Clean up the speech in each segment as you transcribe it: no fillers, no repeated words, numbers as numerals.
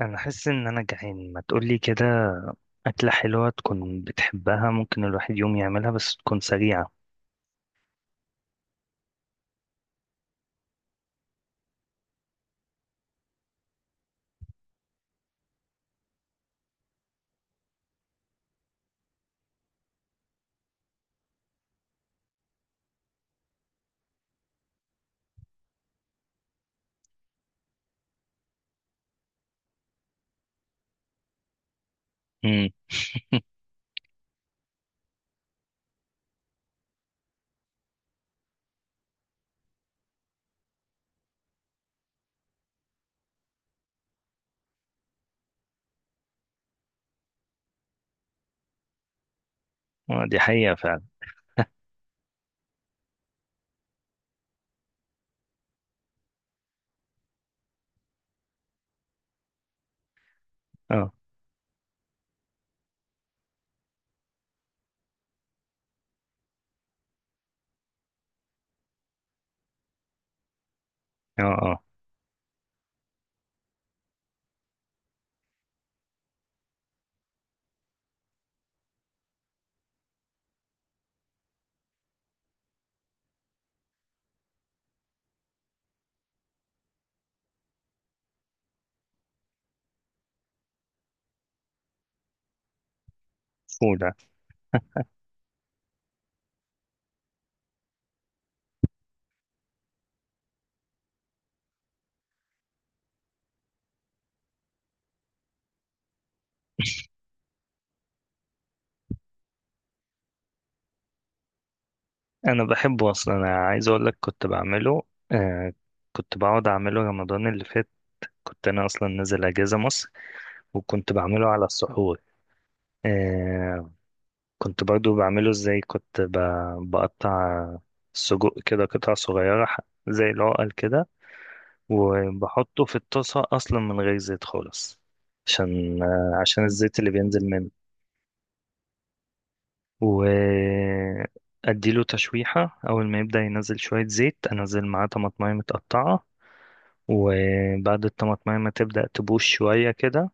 انا حاسس ان انا جعان، ما تقولي كده. اكله حلوه تكون بتحبها، ممكن الواحد يوم يعملها، بس تكون سريعه. امم دي حقيقه فعلا. اه اه فول. انا بحبه اصلا، انا عايز اقول لك كنت بعمله. آه، كنت بقعد اعمله رمضان اللي فات. كنت انا اصلا نازل اجازه مصر، وكنت بعمله على السحور. آه، كنت برضو بعمله ازاي؟ كنت بقطع السجق كده قطع صغيره، زي العقل كده، وبحطه في الطاسة أصلا من غير زيت خالص. عشان عشان الزيت اللي بينزل منه، وأديله تشويحة. أول ما يبدأ ينزل شوية زيت، أنزل معاه طماطماية متقطعة، وبعد الطماطماية ما تبدأ تبوش شوية كده،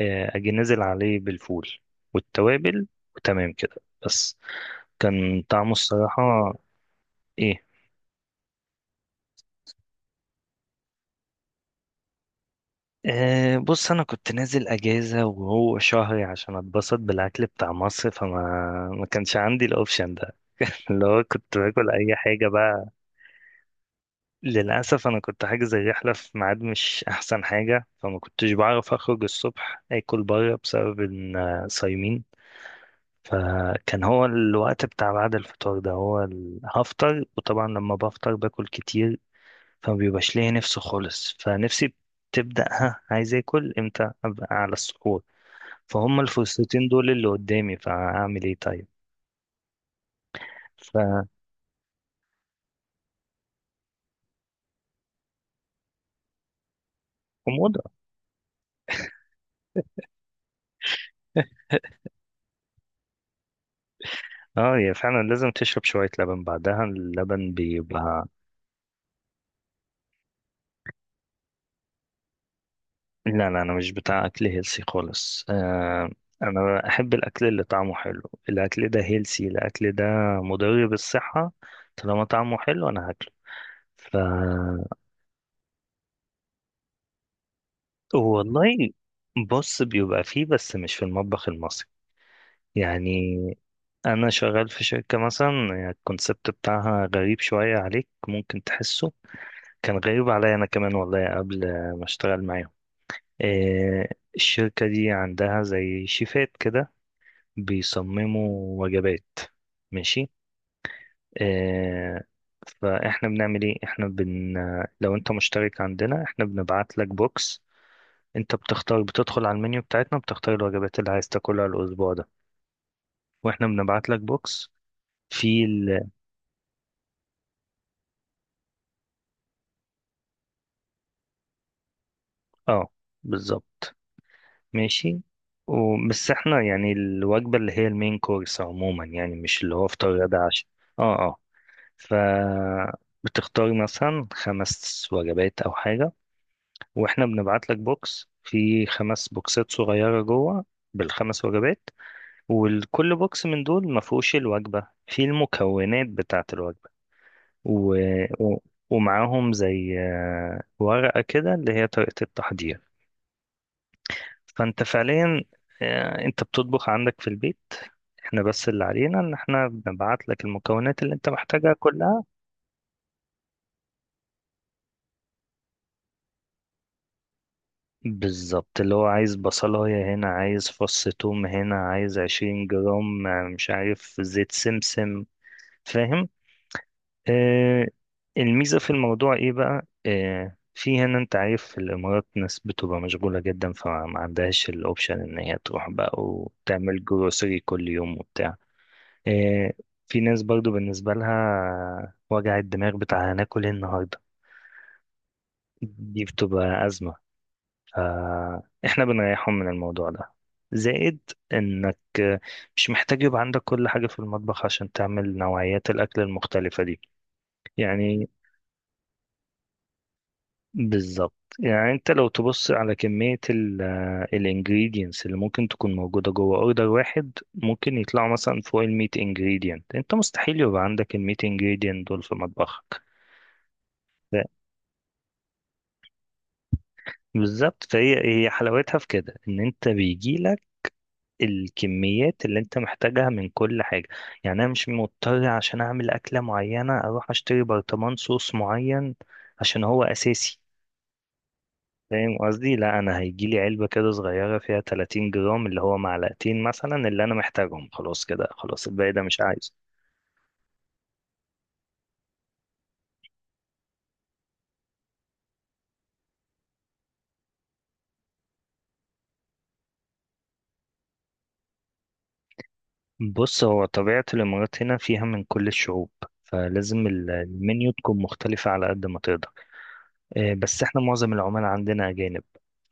أجي نزل عليه بالفول والتوابل، وتمام كده. بس كان طعمه الصراحة. إيه؟ أه، بص، انا كنت نازل اجازه وهو شهري، عشان اتبسط بالاكل بتاع مصر، فما ما كانش عندي الاوبشن ده، اللي هو كنت باكل اي حاجه بقى. للاسف انا كنت حاجز الرحله في ميعاد مش احسن حاجه، فما كنتش بعرف اخرج الصبح اكل بره، بسبب ان صايمين. فكان هو الوقت بتاع بعد الفطار ده، هو هفطر، وطبعا لما بفطر باكل كتير، فما بيبقاش ليا نفسي خالص. فنفسي تبدأ، ها عايز اكل امتى؟ ابقى على السحور. فهم الفسيتين دول اللي قدامي، فهعمل ايه طيب؟ فحموضة. اه، هي فعلا لازم تشرب شوية لبن بعدها، اللبن بيبقى. لا لا، انا مش بتاع اكل هيلسي خالص، آه. انا احب الاكل اللي طعمه حلو. الاكل ده هيلسي، الاكل ده مضر بالصحة، طالما طعمه حلو انا هاكله. ف، والله. بص، بيبقى فيه، بس مش في المطبخ المصري، يعني. انا شغال في شركة مثلا، يعني الكونسبت بتاعها غريب شوية عليك، ممكن تحسه. كان غريب عليا انا كمان والله، قبل ما اشتغل معاهم. إيه، الشركة دي عندها زي شيفات كده، بيصمموا وجبات. ماشي. إيه، فاحنا بنعمل ايه؟ احنا بن، لو انت مشترك عندنا، احنا بنبعت لك بوكس. انت بتختار، بتدخل على المنيو بتاعتنا، بتختار الوجبات اللي عايز تاكلها الاسبوع ده، واحنا بنبعت لك بوكس في اه، بالظبط. ماشي. بس احنا يعني الوجبة اللي هي المين كورس عموما، يعني مش اللي هو فطار غدا عشاء. اه اه. ف، بتختار مثلا خمس وجبات او حاجة، واحنا بنبعت لك بوكس في خمس بوكسات صغيرة جوه، بالخمس وجبات، وكل بوكس من دول ما فيهوش الوجبة، في المكونات بتاعة الوجبة، و... و... ومعاهم زي ورقة كده اللي هي طريقة التحضير. فانت فعليا، انت بتطبخ عندك في البيت، احنا بس اللي علينا ان احنا بنبعت لك المكونات اللي انت محتاجها كلها. بالظبط، اللي هو عايز بصلاية هنا، عايز فص توم هنا، عايز عشرين جرام مش عارف زيت سمسم. فاهم. اه. الميزة في الموضوع ايه بقى؟ اه، في هنا انت عارف، في الامارات ناس بتبقى مشغولة جدا، فما عندهاش الاوبشن ان هي تروح بقى وتعمل جروسري كل يوم وبتاع. إيه، في ناس برضو بالنسبة لها وجع الدماغ بتاع هناكل ايه النهاردة، دي بتبقى أزمة. فإحنا بنريحهم من الموضوع ده. زائد إنك مش محتاج يبقى عندك كل حاجة في المطبخ عشان تعمل نوعيات الأكل المختلفة دي، يعني. بالظبط، يعني أنت لو تبص على كمية ال الانجريدينتس اللي ممكن تكون موجودة جوه أوردر واحد، ممكن يطلعوا مثلا فوق الميت ingredient. أنت مستحيل يبقى عندك الميت ingredient دول في مطبخك. بالظبط. هي حلاوتها في كده، ان انت بيجي لك الكميات اللي انت محتاجها من كل حاجه. يعني انا مش مضطر عشان اعمل اكله معينه اروح اشتري برطمان صوص معين عشان هو اساسي. فاهم قصدي؟ لا، انا هيجي لي علبه كده صغيره فيها 30 جرام، اللي هو معلقتين مثلا اللي انا محتاجهم، خلاص كده، خلاص الباقي ده مش عايزه. بص، هو طبيعه الامارات هنا فيها من كل الشعوب، فلازم المنيو تكون مختلفه على قد ما تقدر. بس احنا معظم العمال عندنا أجانب،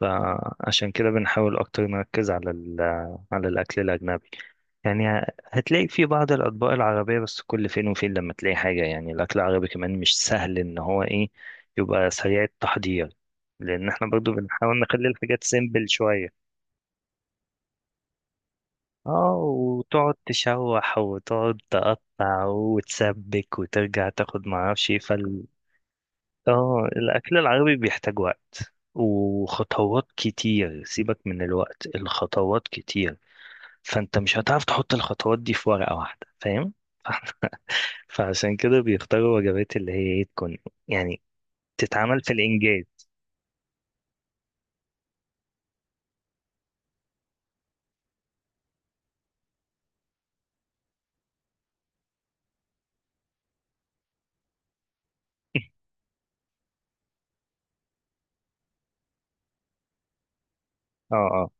فعشان كده بنحاول أكتر نركز على على الأكل الأجنبي، يعني. هتلاقي في بعض الأطباق العربية، بس كل فين وفين لما تلاقي حاجة، يعني الأكل العربي كمان مش سهل إن هو إيه، يبقى سريع التحضير، لأن احنا برضو بنحاول نخلي الحاجات سيمبل شوية. اه، وتقعد تشوح، وتقعد تقطع، وتسبك، وترجع تاخد معرفش ايه. اه، الاكل العربي بيحتاج وقت وخطوات كتير. سيبك من الوقت، الخطوات كتير، فانت مش هتعرف تحط الخطوات دي في ورقة واحدة، فاهم؟ فاحنا- فعشان كده بيختاروا وجبات اللي هي ايه، تكون يعني تتعمل في الانجاز. اه اه.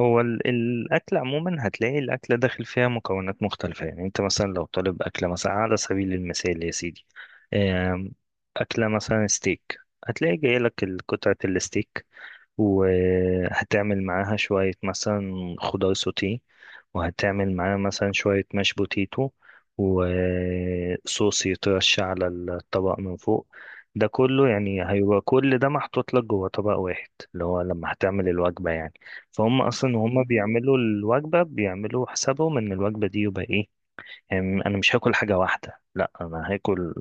هو الاكل عموما هتلاقي الاكل داخل فيها مكونات مختلفه، يعني انت مثلا لو طالب اكله مثلا، على سبيل المثال يا سيدي، آم، اكله مثلا ستيك، هتلاقي جاي لك قطعه الستيك، وهتعمل معاها شوية مثلا خضار سوتيه، وهتعمل معاها مثلا شوية ماش بوتيتو، وصوص يترش على الطبق من فوق. ده كله يعني هيبقى كل ده محطوط لك جوه طبق واحد، اللي هو لما هتعمل الوجبة يعني. فهم أصلا، وهم بيعملوا الوجبة بيعملوا حسابهم إن الوجبة دي يبقى إيه. يعني أنا مش هاكل حاجة واحدة، لأ، أنا هاكل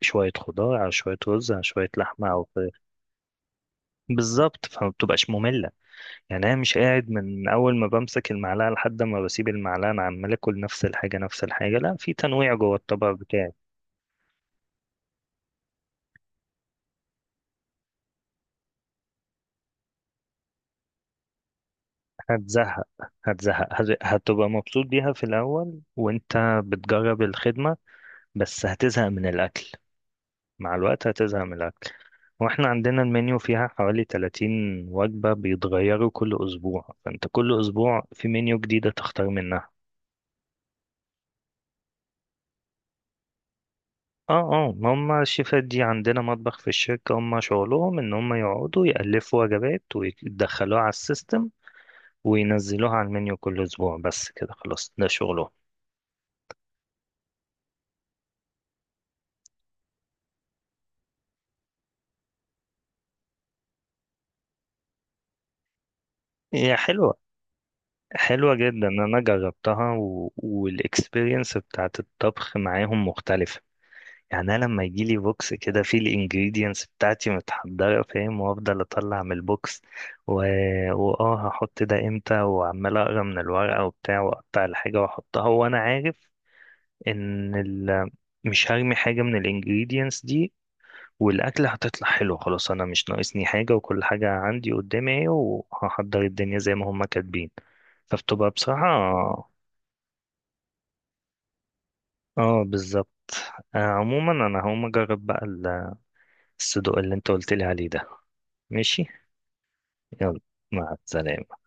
شوية خضار على شوية رز على شوية لحمة أو فراخ. بالظبط، فما بتبقاش مملة، يعني انا مش قاعد من اول ما بمسك المعلقه لحد ما بسيب المعلقه انا عمال اكل نفس الحاجه نفس الحاجه، لا، في تنويع جوه الطبق بتاعي. هتزهق. هتزهق، هتبقى مبسوط بيها في الاول وانت بتجرب الخدمه، بس هتزهق من الاكل، مع الوقت هتزهق من الاكل. واحنا عندنا المنيو فيها حوالي 30 وجبه، بيتغيروا كل اسبوع، فانت كل اسبوع في منيو جديده تختار منها. اه اه، ما هم الشيفات دي عندنا مطبخ في الشركة، هم شغلهم ان هم يقعدوا يألفوا وجبات ويدخلوها على السيستم وينزلوها على المنيو كل اسبوع، بس كده خلاص، ده شغلهم. هي حلوة، حلوة جدا، انا جربتها والاكسبيرينس بتاعت الطبخ معاهم مختلفة. يعني انا لما يجي لي بوكس كده فيه الانجريدينتس بتاعتي متحضرة، فاهم، وافضل اطلع من البوكس و... واه، هحط ده امتى، وعمال اقرا من الورقة وبتاع، واقطع الحاجة واحطها، وانا عارف ان مش هرمي حاجه من الانجريدينتس دي، والاكله هتطلع حلو. خلاص، انا مش ناقصني حاجه، وكل حاجه عندي قدامي اهي، وهحضر الدنيا زي ما هم كاتبين. فبتبقى بصراحه. اه، بالظبط. آه، عموما انا هقوم اجرب بقى الصدوق اللي انت قلت لي عليه ده. ماشي. يلا، مع السلامه.